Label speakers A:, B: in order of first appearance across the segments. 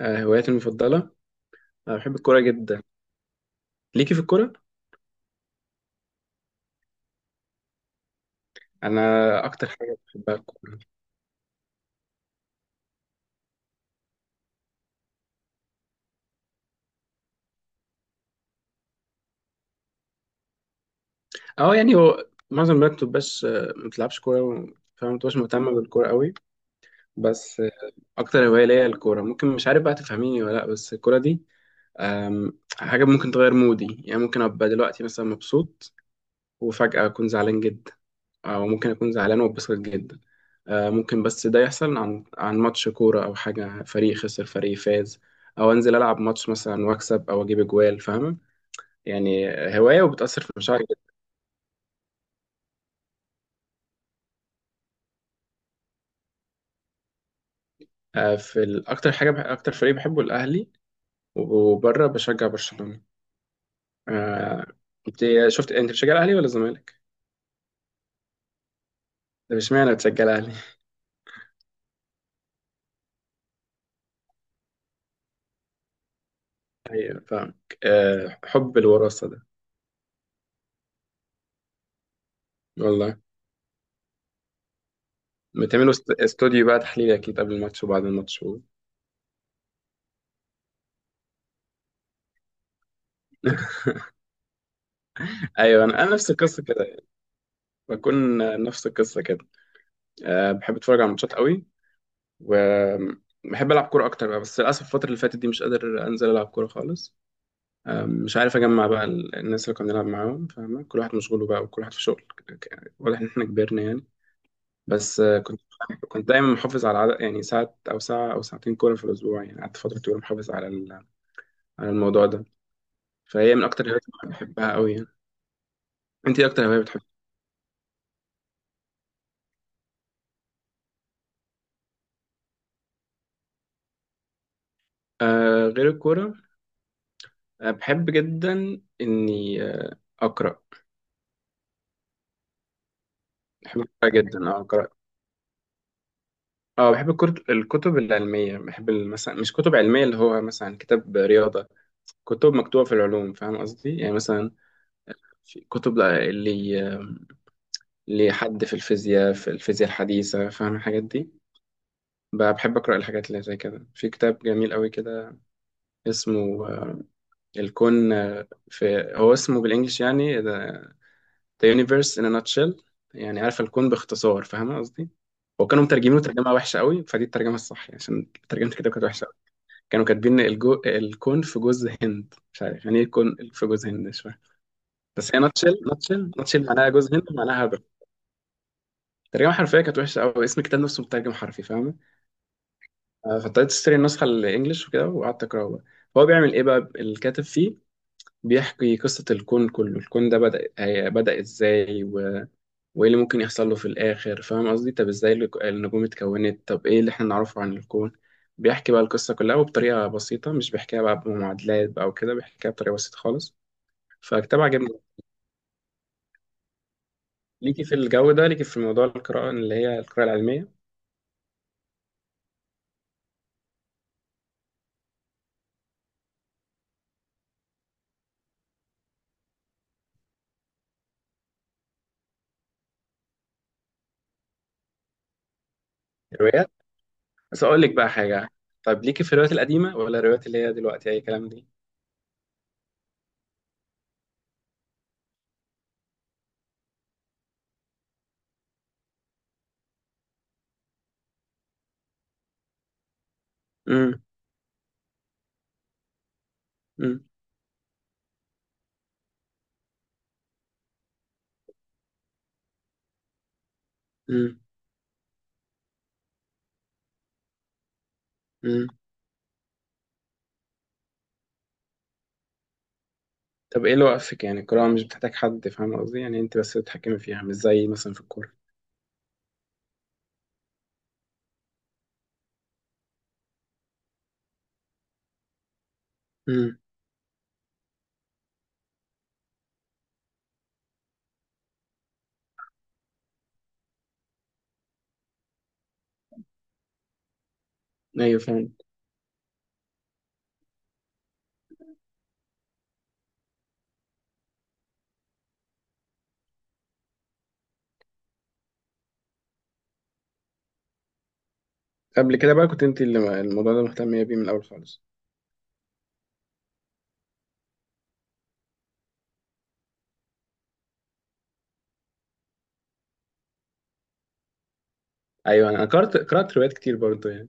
A: هواياتي المفضلة. أنا بحب الكورة جدا. ليكي في الكورة؟ أنا أكتر حاجة بحبها الكورة. أه يعني هو معظم البنات مبتبقاش ما بتلعبش كورة فما بتبقاش مهتمة بالكورة قوي. بس أكتر هواية ليا الكورة، ممكن مش عارف بقى تفهميني ولا لأ، بس الكورة دي حاجة ممكن تغير مودي، يعني ممكن أبقى دلوقتي مثلا مبسوط وفجأة أكون زعلان جدا، أو ممكن أكون زعلان واتبسط جدا. ممكن، بس ده يحصل عن ماتش كورة أو حاجة، فريق خسر فريق فاز، أو أنزل ألعب ماتش مثلا وأكسب أو أجيب أجوال، فاهمة يعني؟ هواية وبتأثر في مشاعري جدا. أكتر حاجة أكتر فريق بحبه الأهلي، وبره بشجع برشلونة. آه، أنت شفت، أنت بتشجع الأهلي ولا الزمالك؟ طب اشمعنى بتشجع الأهلي؟ أيوه فاهمك، حب الوراثة ده. والله بتعملوا استوديو بقى تحليل أكيد قبل الماتش وبعد الماتش و... ايوه، انا نفس القصه كده، بكون نفس القصة كده. أه بحب أتفرج على الماتشات قوي، وبحب ألعب كورة أكتر بقى، بس للأسف الفترة اللي فاتت دي مش قادر أنزل ألعب كورة خالص. أه مش عارف أجمع بقى الناس اللي كنا بنلعب معاهم، فاهمة؟ كل واحد مشغول بقى وكل واحد في شغل، واضح إن إحنا كبرنا يعني. بس كنت دايما محافظ على عدد، يعني ساعة أو ساعتين كورة في الأسبوع، يعني قعدت فترة طويلة محافظ على على الموضوع ده. فهي من أكتر الهوايات اللي بحبها قوي يعني. أنت إيه أكتر هواية بتحبها؟ أه غير الكورة، أه بحب جدا إني أقرأ. بحب القراءة جدا، اه قراءة. اه بحب الكتب، الكتب العلمية. بحب مثلا مش كتب علمية، اللي هو مثلا كتاب رياضة، كتب مكتوبة في العلوم، فاهم قصدي يعني؟ مثلا في كتب اللي لحد في الفيزياء، في الفيزياء الحديثة، فاهم الحاجات دي. بحب أقرأ الحاجات اللي زي كده. في كتاب جميل قوي كده اسمه الكون، آه، في هو اسمه بالإنجلش يعني The Universe in a Nutshell، يعني عارف الكون باختصار، فاهم قصدي؟ وكانوا مترجمينه ترجمة وحشة قوي، فدي الترجمة الصح يعني، عشان ترجمة الكتاب كانت وحشة. كانوا كاتبين الكون في جوز هند، مش عارف يعني ايه الكون في جوز هند، مش فاهم. بس هي ناتشل معناها جوز هند، معناها هبل. الترجمه الحرفيه كانت وحشه قوي، اسم الكتاب نفسه مترجم حرفي، فاهمه؟ فابتديت اشتري النسخه الانجليش وكده وقعدت اقراه بقى. هو بيعمل ايه بقى الكاتب فيه؟ بيحكي قصه الكون كله. الكون ده بدا، بدا ازاي و... وايه اللي ممكن يحصل له في الاخر، فاهم قصدي؟ طب ازاي النجوم اتكونت، طب ايه اللي احنا نعرفه عن الكون. بيحكي بقى القصه كلها وبطريقه بسيطه، مش بيحكيها بقى بمعادلات بقى وكده، بيحكيها بطريقه بسيطه خالص. فكتاب عجبني. ليكي في الجو ده؟ ليكي في موضوع القراءه اللي هي القراءه العلميه؟ الروايات؟ بس اقول لك بقى حاجه، طب ليكي في الروايات القديمه ولا الروايات اللي هي دلوقتي اي كلام دي؟ امم. امم. امم. امم. طب ايه اللي وقفك؟ يعني القراءه مش بتحتاج حد، فاهم قصدي؟ يعني انت بس بتتحكمي فيها، مش زي مثلا في الكوره. امم. ايوه فاهم. قبل كده بقى كنت انت اللي الموضوع ده مهتمية بيه من الأول خالص؟ أيوة أنا قرأت روايات كتير برضه يعني.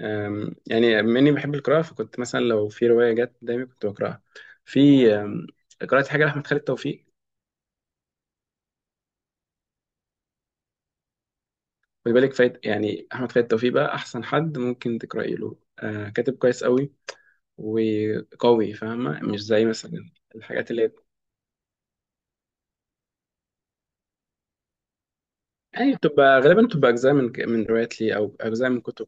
A: يعني بما إني بحب القراءة فكنت مثلا لو في رواية جت قدامي كنت بقرأها. في أم، قرأت حاجة لأحمد خالد توفيق. خد بالك فايت يعني، أحمد خالد توفيق بقى أحسن حد ممكن تقرأي له، كاتب كويس قوي وقوي، فاهمة؟ مش زي مثلا الحاجات اللي هي، يعني بتبقى غالبا بتبقى أجزاء من روايات ليه أو أجزاء من كتب.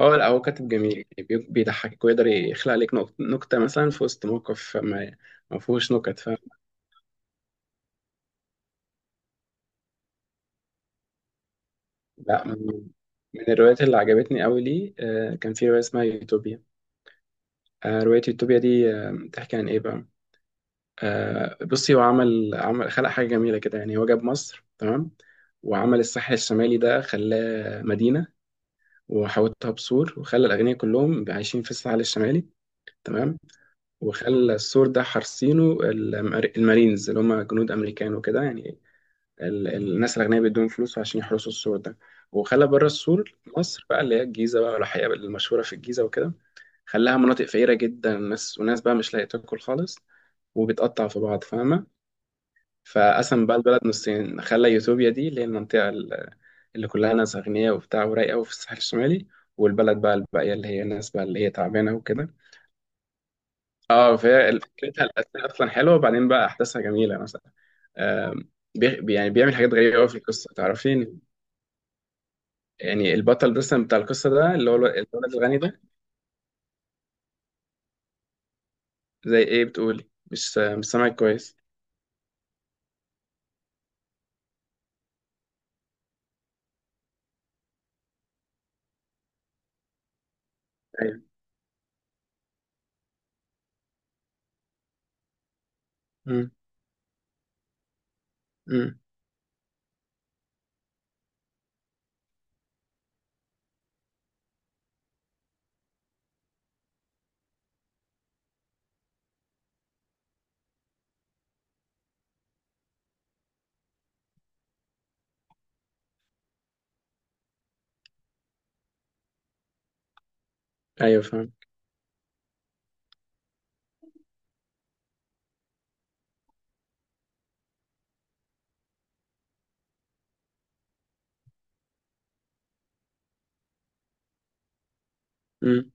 A: اه لا هو كاتب جميل يعني، بيضحكك ويقدر يخلق لك نكتة مثلا في وسط موقف ما، ما فيهوش نكت، فاهم؟ لا، من الروايات اللي عجبتني قوي لي كان في رواية اسمها يوتوبيا. رواية يوتوبيا دي بتحكي عن ايه بقى؟ بصي، هو عمل عمل خلق حاجة جميلة كده يعني. هو جاب مصر تمام، وعمل الساحل الشمالي ده خلاه مدينة، وحوطها بسور، وخلى الأغنياء كلهم عايشين في الساحل الشمالي، تمام؟ وخلى السور ده حارسينه المارينز، اللي هم جنود امريكان وكده يعني. الناس الاغنياء بيدوهم فلوس عشان يحرسوا السور ده. وخلى بره السور مصر بقى، اللي هي الجيزه بقى والحقيقه المشهوره في الجيزه وكده. خلاها مناطق فقيره جدا، الناس وناس بقى مش لاقيه تاكل خالص، وبتقطع في بعض، فاهمه؟ فقسم بقى البلد نصين، خلى يوتوبيا دي اللي هي المنطقه اللي كلها ناس اغنياء وبتاع ورايقه وفي الساحل الشمالي، والبلد بقى الباقيه اللي هي الناس بقى اللي هي تعبانه وكده. اه فهي فكرتها الاساسيه اصلا حلوه، وبعدين بقى احداثها جميله مثلا. يعني بيعمل حاجات غريبه قوي في القصه، تعرفين؟ يعني البطل مثلا بتاع القصه ده اللي هو الولد الغني ده. زي ايه بتقولي؟ مش سامعك كويس. ايوه. امم. امم. ايوه فاهم. امم.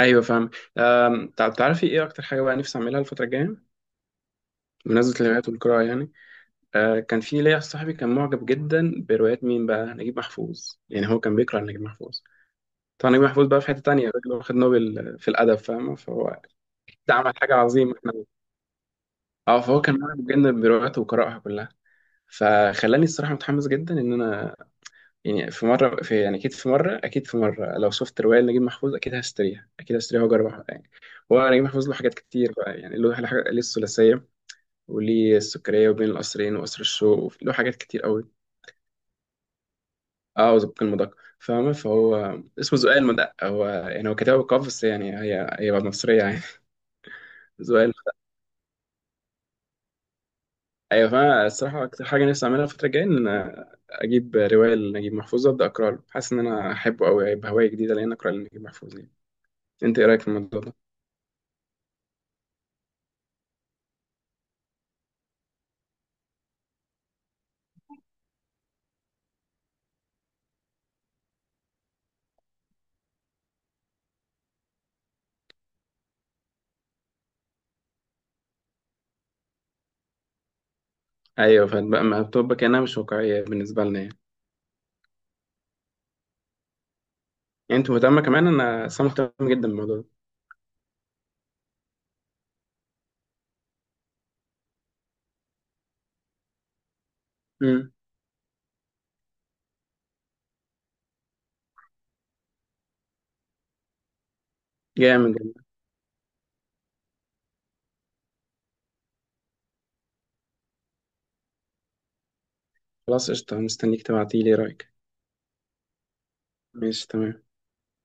A: ايوه فاهم. طب تعرفي ايه اكتر حاجه بقى نفسي اعملها الفتره الجايه؟ بمناسبه الروايات والقراءه يعني. آه كان في ليا صاحبي كان معجب جدا بروايات مين بقى، نجيب محفوظ، يعني هو كان بيقرا نجيب محفوظ. طبعا نجيب محفوظ بقى في حتة تانية، الراجل واخد نوبل في الأدب، فاهم؟ فهو أكيد عمل حاجة عظيمة احنا. اه فهو كان معاه بجد برواياته وقراءها كلها، فخلاني الصراحة متحمس جدا إن أنا يعني في مرة، في يعني أكيد في مرة، أكيد في مرة لو شفت رواية لنجيب محفوظ أكيد هشتريها، أكيد هشتريها وأجربها يعني. هو نجيب محفوظ له حاجات كتير بقى يعني، له حاجة، ليه الثلاثية وليه السكرية وبين القصرين وقصر الشوق، له حاجات كتير قوي. اه وزبق المدق، فاهمة؟ فهو اسمه زقاق المدق، هو يعني هو كتبها بالقاف بس، يعني هي مصرية يعني. زقاق. ايوه فانا الصراحه اكتر حاجه نفسي اعملها الفتره الجايه ان اجيب روايه لنجيب محفوظ ابدا اقرا له، حاسس ان انا احبه قوي، هيبقى هوايه جديده لان اقرا لنجيب محفوظ يعني. انت ايه رايك في الموضوع ده؟ ايوه، فبقى ما بتبقى كانها مش واقعيه بالنسبه لنا يعني. يعني انت مهتمه كمان؟ انا اصلا مهتم جدا بالموضوع ده. امم. جامد جامد. خلاص قشطه، مستنيك تبعتيلي رايك. ماشي تمام.